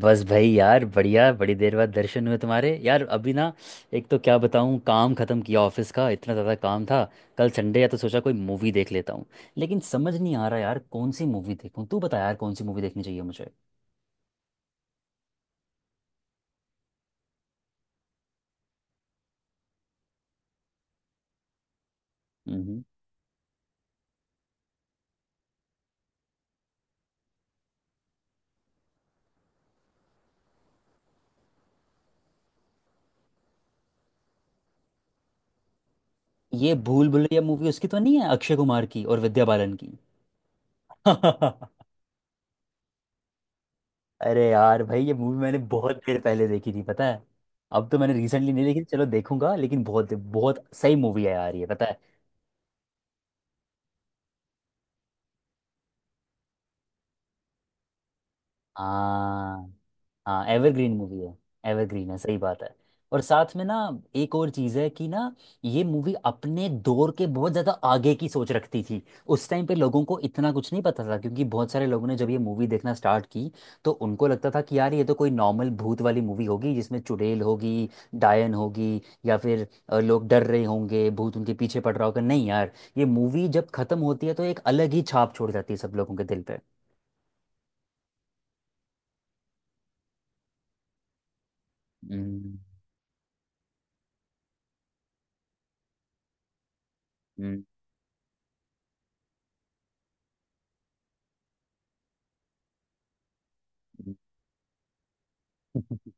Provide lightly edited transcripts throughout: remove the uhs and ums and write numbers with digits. बस भाई यार बढ़िया। बड़ी देर बाद दर्शन हुए तुम्हारे यार। अभी ना एक तो क्या बताऊँ, काम खत्म किया, ऑफिस का इतना ज़्यादा काम था। कल संडे है तो सोचा कोई मूवी देख लेता हूँ। लेकिन समझ नहीं आ रहा यार कौन सी मूवी देखूँ। तू बता यार कौन सी मूवी देखनी चाहिए मुझे। हम्म। ये भूल भुलैया मूवी उसकी तो नहीं है, अक्षय कुमार की और विद्या बालन की? अरे यार भाई, ये मूवी मैंने बहुत देर पहले देखी थी, पता है। अब तो मैंने रिसेंटली नहीं देखी। चलो देखूंगा, लेकिन बहुत बहुत सही मूवी है यार ये, पता है। हाँ। हाँ, एवरग्रीन मूवी है। एवरग्रीन है, सही बात है। और साथ में ना एक और चीज़ है कि ना, ये मूवी अपने दौर के बहुत ज़्यादा आगे की सोच रखती थी। उस टाइम पे लोगों को इतना कुछ नहीं पता था, क्योंकि बहुत सारे लोगों ने जब ये मूवी देखना स्टार्ट की तो उनको लगता था कि यार ये तो कोई नॉर्मल भूत वाली मूवी होगी, जिसमें चुड़ैल होगी, डायन होगी, या फिर लोग डर रहे होंगे, भूत उनके पीछे पड़ रहा होगा। नहीं यार, ये मूवी जब खत्म होती है तो एक अलग ही छाप छोड़ जाती है सब लोगों के दिल पे। हम्म। हम्म। सही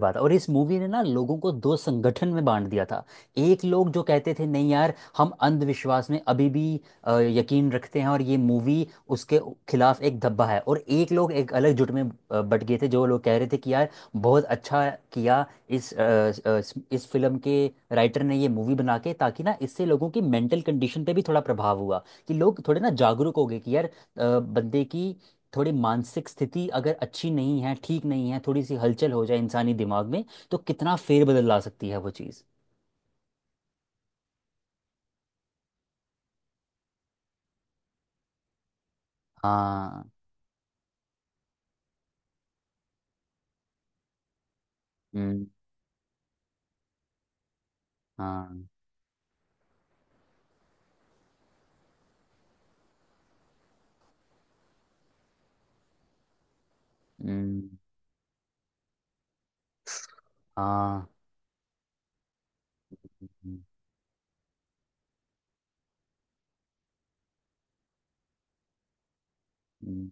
बात है। और इस मूवी ने ना लोगों को दो संगठन में बांट दिया था। एक लोग जो कहते थे नहीं यार हम अंधविश्वास में अभी भी यकीन रखते हैं और ये मूवी उसके खिलाफ एक धब्बा है, और एक लोग एक अलग जुट में बट गए थे जो लोग कह रहे थे कि यार बहुत अच्छा किया इस इस फिल्म के राइटर ने ये मूवी बना के, ताकि ना इससे लोगों की मेंटल कंडीशन पे भी थोड़ा प्रभाव हुआ कि लोग थोड़े ना जागरूक हो गए कि यार बंदे की थोड़ी मानसिक स्थिति अगर अच्छी नहीं है, ठीक नहीं है, थोड़ी सी हलचल हो जाए इंसानी दिमाग में तो कितना फेरबदल ला सकती है वो चीज़। हाँ। हम्म। हाँ। हम्म। हाँ। हम्म। हम्म।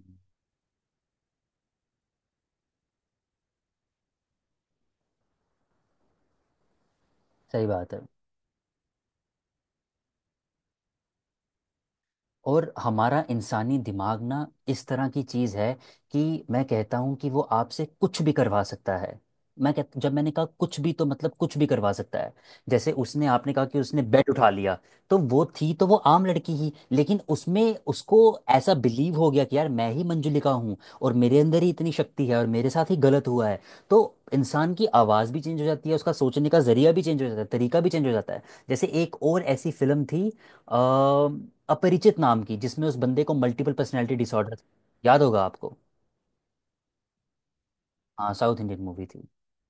सही बात है। और हमारा इंसानी दिमाग ना इस तरह की चीज़ है कि मैं कहता हूँ कि वो आपसे कुछ भी करवा सकता है। मैं कह जब मैंने कहा कुछ भी, तो मतलब कुछ भी करवा सकता है। जैसे उसने आपने कहा कि उसने बेड उठा लिया, तो वो थी तो वो आम लड़की ही, लेकिन उसमें उसको ऐसा बिलीव हो गया कि यार मैं ही मंजुलिका हूँ, और मेरे अंदर ही इतनी शक्ति है, और मेरे साथ ही गलत हुआ है। तो इंसान की आवाज़ भी चेंज हो जाती है, उसका सोचने का जरिया भी चेंज हो जाता है, तरीका भी चेंज हो जाता है। जैसे एक और ऐसी फिल्म थी, अ, अपरिचित नाम की, जिसमें उस बंदे को मल्टीपल पर्सनैलिटी डिसऑर्डर, याद होगा आपको। हाँ, साउथ इंडियन मूवी थी।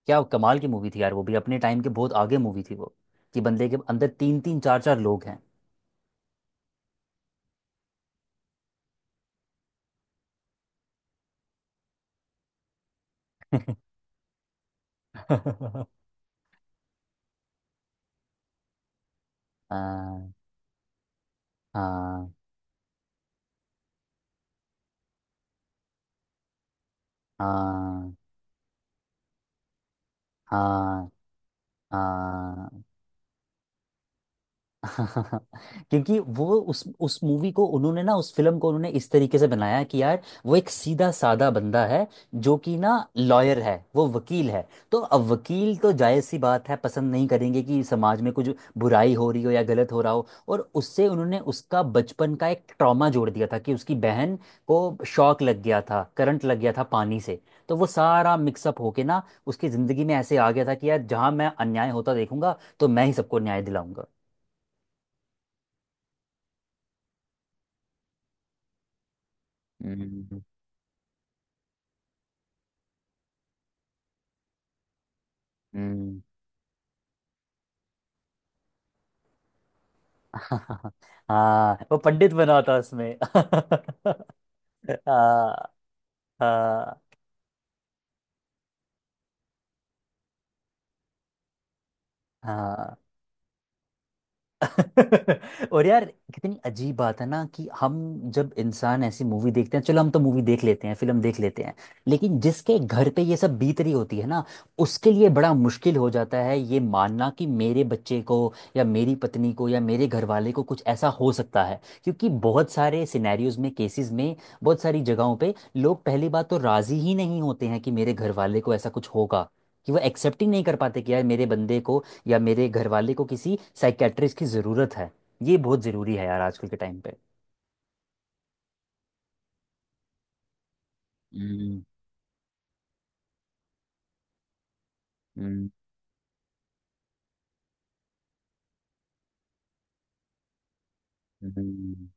क्या कमाल की मूवी थी यार, वो भी अपने टाइम के बहुत आगे मूवी थी वो। कि बंदे के अंदर तीन तीन चार चार लोग हैं। हाँ। हाँ। हाँ। हाँ। हाँ। क्योंकि वो उस मूवी को उन्होंने ना, उस फिल्म को उन्होंने इस तरीके से बनाया है कि यार वो एक सीधा साधा बंदा है, जो कि ना लॉयर है, वो वकील है। तो अब वकील तो जायज़ सी बात है, पसंद नहीं करेंगे कि समाज में कुछ बुराई हो रही हो या गलत हो रहा हो, और उससे उन्होंने उसका बचपन का एक ट्रॉमा जोड़ दिया था कि उसकी बहन को शॉक लग गया था, करंट लग गया था पानी से। तो वो सारा मिक्सअप होके ना उसकी ज़िंदगी में ऐसे आ गया था कि यार जहाँ मैं अन्याय होता देखूंगा तो मैं ही सबको न्याय दिलाऊंगा। हम्म। हम्म। हाँ, वो पंडित बना था उसमें। हाँ। हाँ। हाँ। और यार कितनी अजीब बात है ना कि हम जब इंसान ऐसी मूवी देखते हैं, चलो हम तो मूवी देख लेते हैं, फिल्म देख लेते हैं, लेकिन जिसके घर पे ये सब बीत रही होती है ना उसके लिए बड़ा मुश्किल हो जाता है ये मानना कि मेरे बच्चे को या मेरी पत्नी को या मेरे घर वाले को कुछ ऐसा हो सकता है। क्योंकि बहुत सारे सिनेरियोज में, केसेस में, बहुत सारी जगहों पे लोग पहली बात तो राजी ही नहीं होते हैं कि मेरे घर वाले को ऐसा कुछ होगा, कि वो एक्सेप्ट ही नहीं कर पाते कि यार मेरे बंदे को या मेरे घर वाले को किसी साइकेट्रिस्ट की ज़रूरत है। ये बहुत ज़रूरी है यार आजकल के टाइम पे। हम्म। हम्म। हम्म।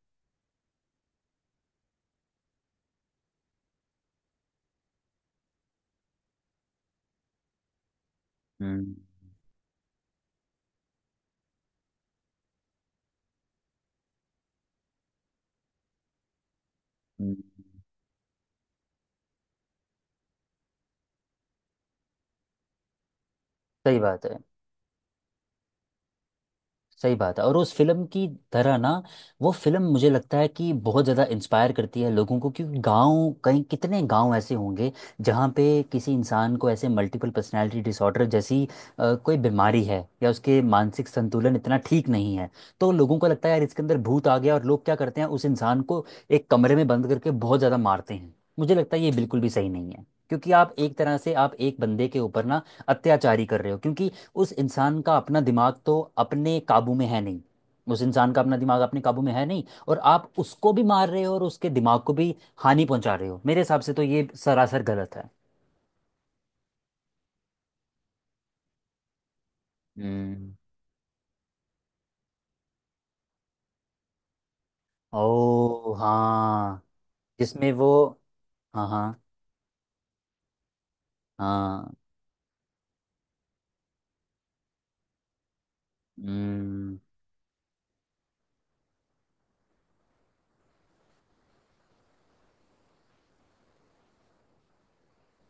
हम्म। हम्म। सही बात है। सही बात है। और उस फिल्म की तरह ना, वो फिल्म मुझे लगता है कि बहुत ज़्यादा इंस्पायर करती है लोगों को। क्योंकि गांव, कहीं कितने गांव ऐसे होंगे जहाँ पे किसी इंसान को ऐसे मल्टीपल पर्सनालिटी डिसऑर्डर जैसी कोई बीमारी है या उसके मानसिक संतुलन इतना ठीक नहीं है, तो लोगों को लगता है यार इसके अंदर भूत आ गया, और लोग क्या करते हैं उस इंसान को एक कमरे में बंद करके बहुत ज़्यादा मारते हैं। मुझे लगता है ये बिल्कुल भी सही नहीं है, क्योंकि आप एक तरह से आप एक बंदे के ऊपर ना अत्याचारी कर रहे हो, क्योंकि उस इंसान का अपना दिमाग तो अपने काबू में है नहीं। उस इंसान का अपना दिमाग अपने काबू में है नहीं, और आप उसको भी मार रहे हो और उसके दिमाग को भी हानि पहुंचा रहे हो। मेरे हिसाब से तो ये सरासर गलत है। हम्म। ओ हाँ। जिसमें वो। हाँ। हाँ। हाँ। हम्म।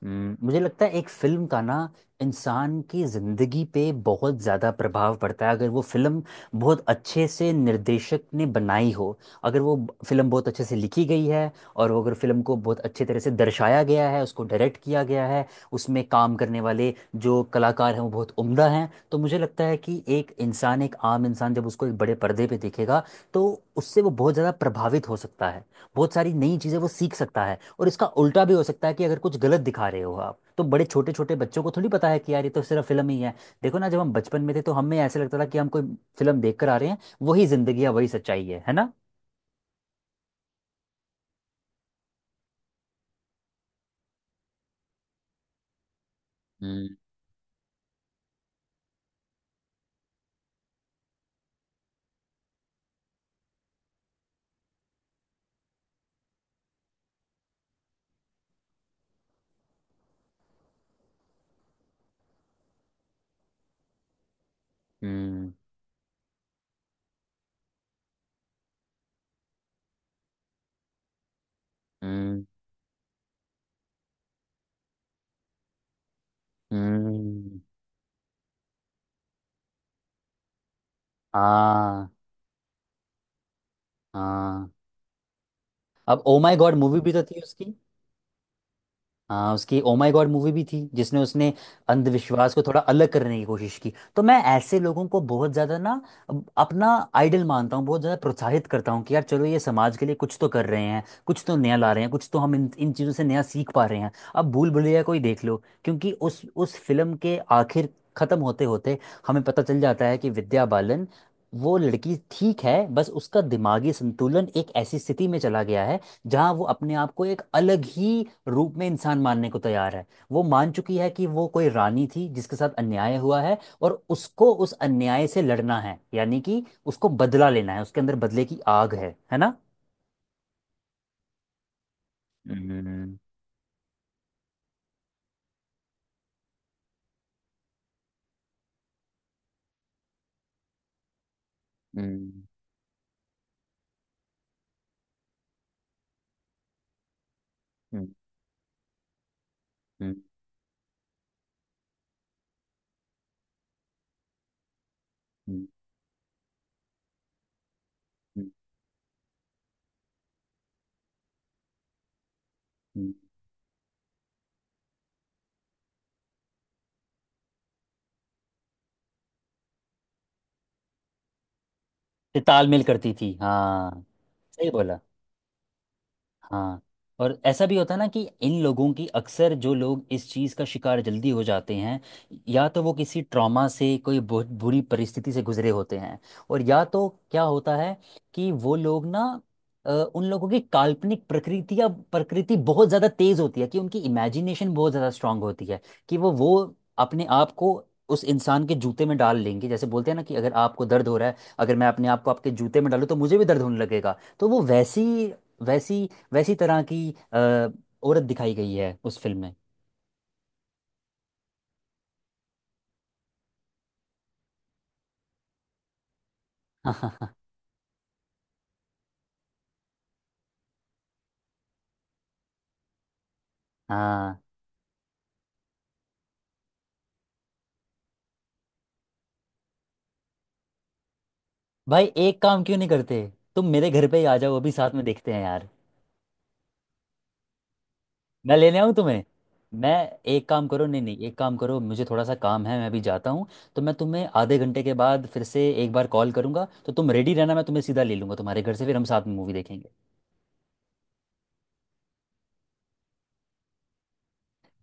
हम्म। मुझे लगता है एक फिल्म का ना इंसान की जिंदगी पे बहुत ज़्यादा प्रभाव पड़ता है, अगर वो फिल्म बहुत अच्छे से निर्देशक ने बनाई हो, अगर वो फिल्म बहुत अच्छे से लिखी गई है और वो अगर फिल्म को बहुत अच्छे तरह से दर्शाया गया है, उसको डायरेक्ट किया गया है, उसमें काम करने वाले जो कलाकार हैं वो बहुत उम्दा हैं, तो मुझे लगता है कि एक इंसान, एक आम इंसान जब उसको एक बड़े पर्दे पे देखेगा तो उससे वो बहुत ज़्यादा प्रभावित हो सकता है, बहुत सारी नई चीज़ें वो सीख सकता है। और इसका उल्टा भी हो सकता है कि अगर कुछ गलत दिखा रहे हो आप, तो बड़े छोटे छोटे बच्चों को थोड़ी पता है कि यार ये तो सिर्फ फिल्म ही है। देखो ना, जब हम बचपन में थे तो हमें ऐसे लगता था कि हम कोई फिल्म देख कर आ रहे हैं, वही जिंदगी है, वही सच्चाई है ना। हम्म। हम्म। हम्म। हम्म। हाँ। हाँ, अब ओ माय गॉड मूवी भी तो थी उसकी। हाँ, उसकी ओ माय गॉड मूवी भी थी जिसमें उसने अंधविश्वास को थोड़ा अलग करने की कोशिश की। तो मैं ऐसे लोगों को बहुत ज़्यादा ना अपना आइडल मानता हूँ, बहुत ज़्यादा प्रोत्साहित करता हूँ कि यार चलो ये समाज के लिए कुछ तो कर रहे हैं, कुछ तो नया ला रहे हैं, कुछ तो हम इन इन चीज़ों से नया सीख पा रहे हैं। अब भूल भुलैया को ही देख लो, क्योंकि उस फिल्म के आखिर, ख़त्म होते होते हमें पता चल जाता है कि विद्या बालन वो लड़की ठीक है, बस उसका दिमागी संतुलन एक ऐसी स्थिति में चला गया है जहाँ वो अपने आप को एक अलग ही रूप में इंसान मानने को तैयार है। वो मान चुकी है कि वो कोई रानी थी जिसके साथ अन्याय हुआ है, और उसको उस अन्याय से लड़ना है, यानी कि उसको बदला लेना है, उसके अंदर बदले की आग है ना। हम्म। हम्म। हम्म। हम्म। हम्म। हम्म। हम्म। ये तालमेल करती थी, हाँ। सही बोला। हाँ। और ऐसा भी होता है ना कि इन लोगों की अक्सर, जो लोग इस चीज़ का शिकार जल्दी हो जाते हैं, या तो वो किसी ट्रॉमा से, कोई बहुत बुरी परिस्थिति से गुजरे होते हैं, और या तो क्या होता है कि वो लोग ना उन लोगों की काल्पनिक प्रकृति या प्रकृति बहुत ज़्यादा तेज होती है, कि उनकी इमेजिनेशन बहुत ज़्यादा स्ट्रांग होती है, कि वो अपने आप को उस इंसान के जूते में डाल लेंगे। जैसे बोलते हैं ना, कि अगर आपको दर्द हो रहा है, अगर मैं अपने आप को आपके जूते में डालूं तो मुझे भी दर्द होने लगेगा। तो वो वैसी वैसी वैसी तरह की अ, औरत दिखाई गई है उस फिल्म में। हाँ, भाई एक काम क्यों नहीं करते, तुम मेरे घर पे ही आ जाओ अभी, साथ में देखते हैं यार। मैं लेने आऊँ तुम्हें? मैं एक काम करो, नहीं नहीं, एक काम करो, मुझे थोड़ा सा काम है, मैं अभी जाता हूँ, तो मैं तुम्हें आधे घंटे के बाद फिर से एक बार कॉल करूंगा, तो तुम रेडी रहना, मैं तुम्हें सीधा ले लूंगा तुम्हारे घर से, फिर हम साथ में मूवी देखेंगे।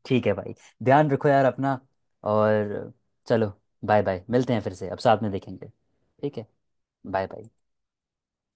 ठीक है भाई, ध्यान रखो यार अपना, और चलो बाय बाय, मिलते हैं फिर से, अब साथ में देखेंगे। ठीक है। Bye bye.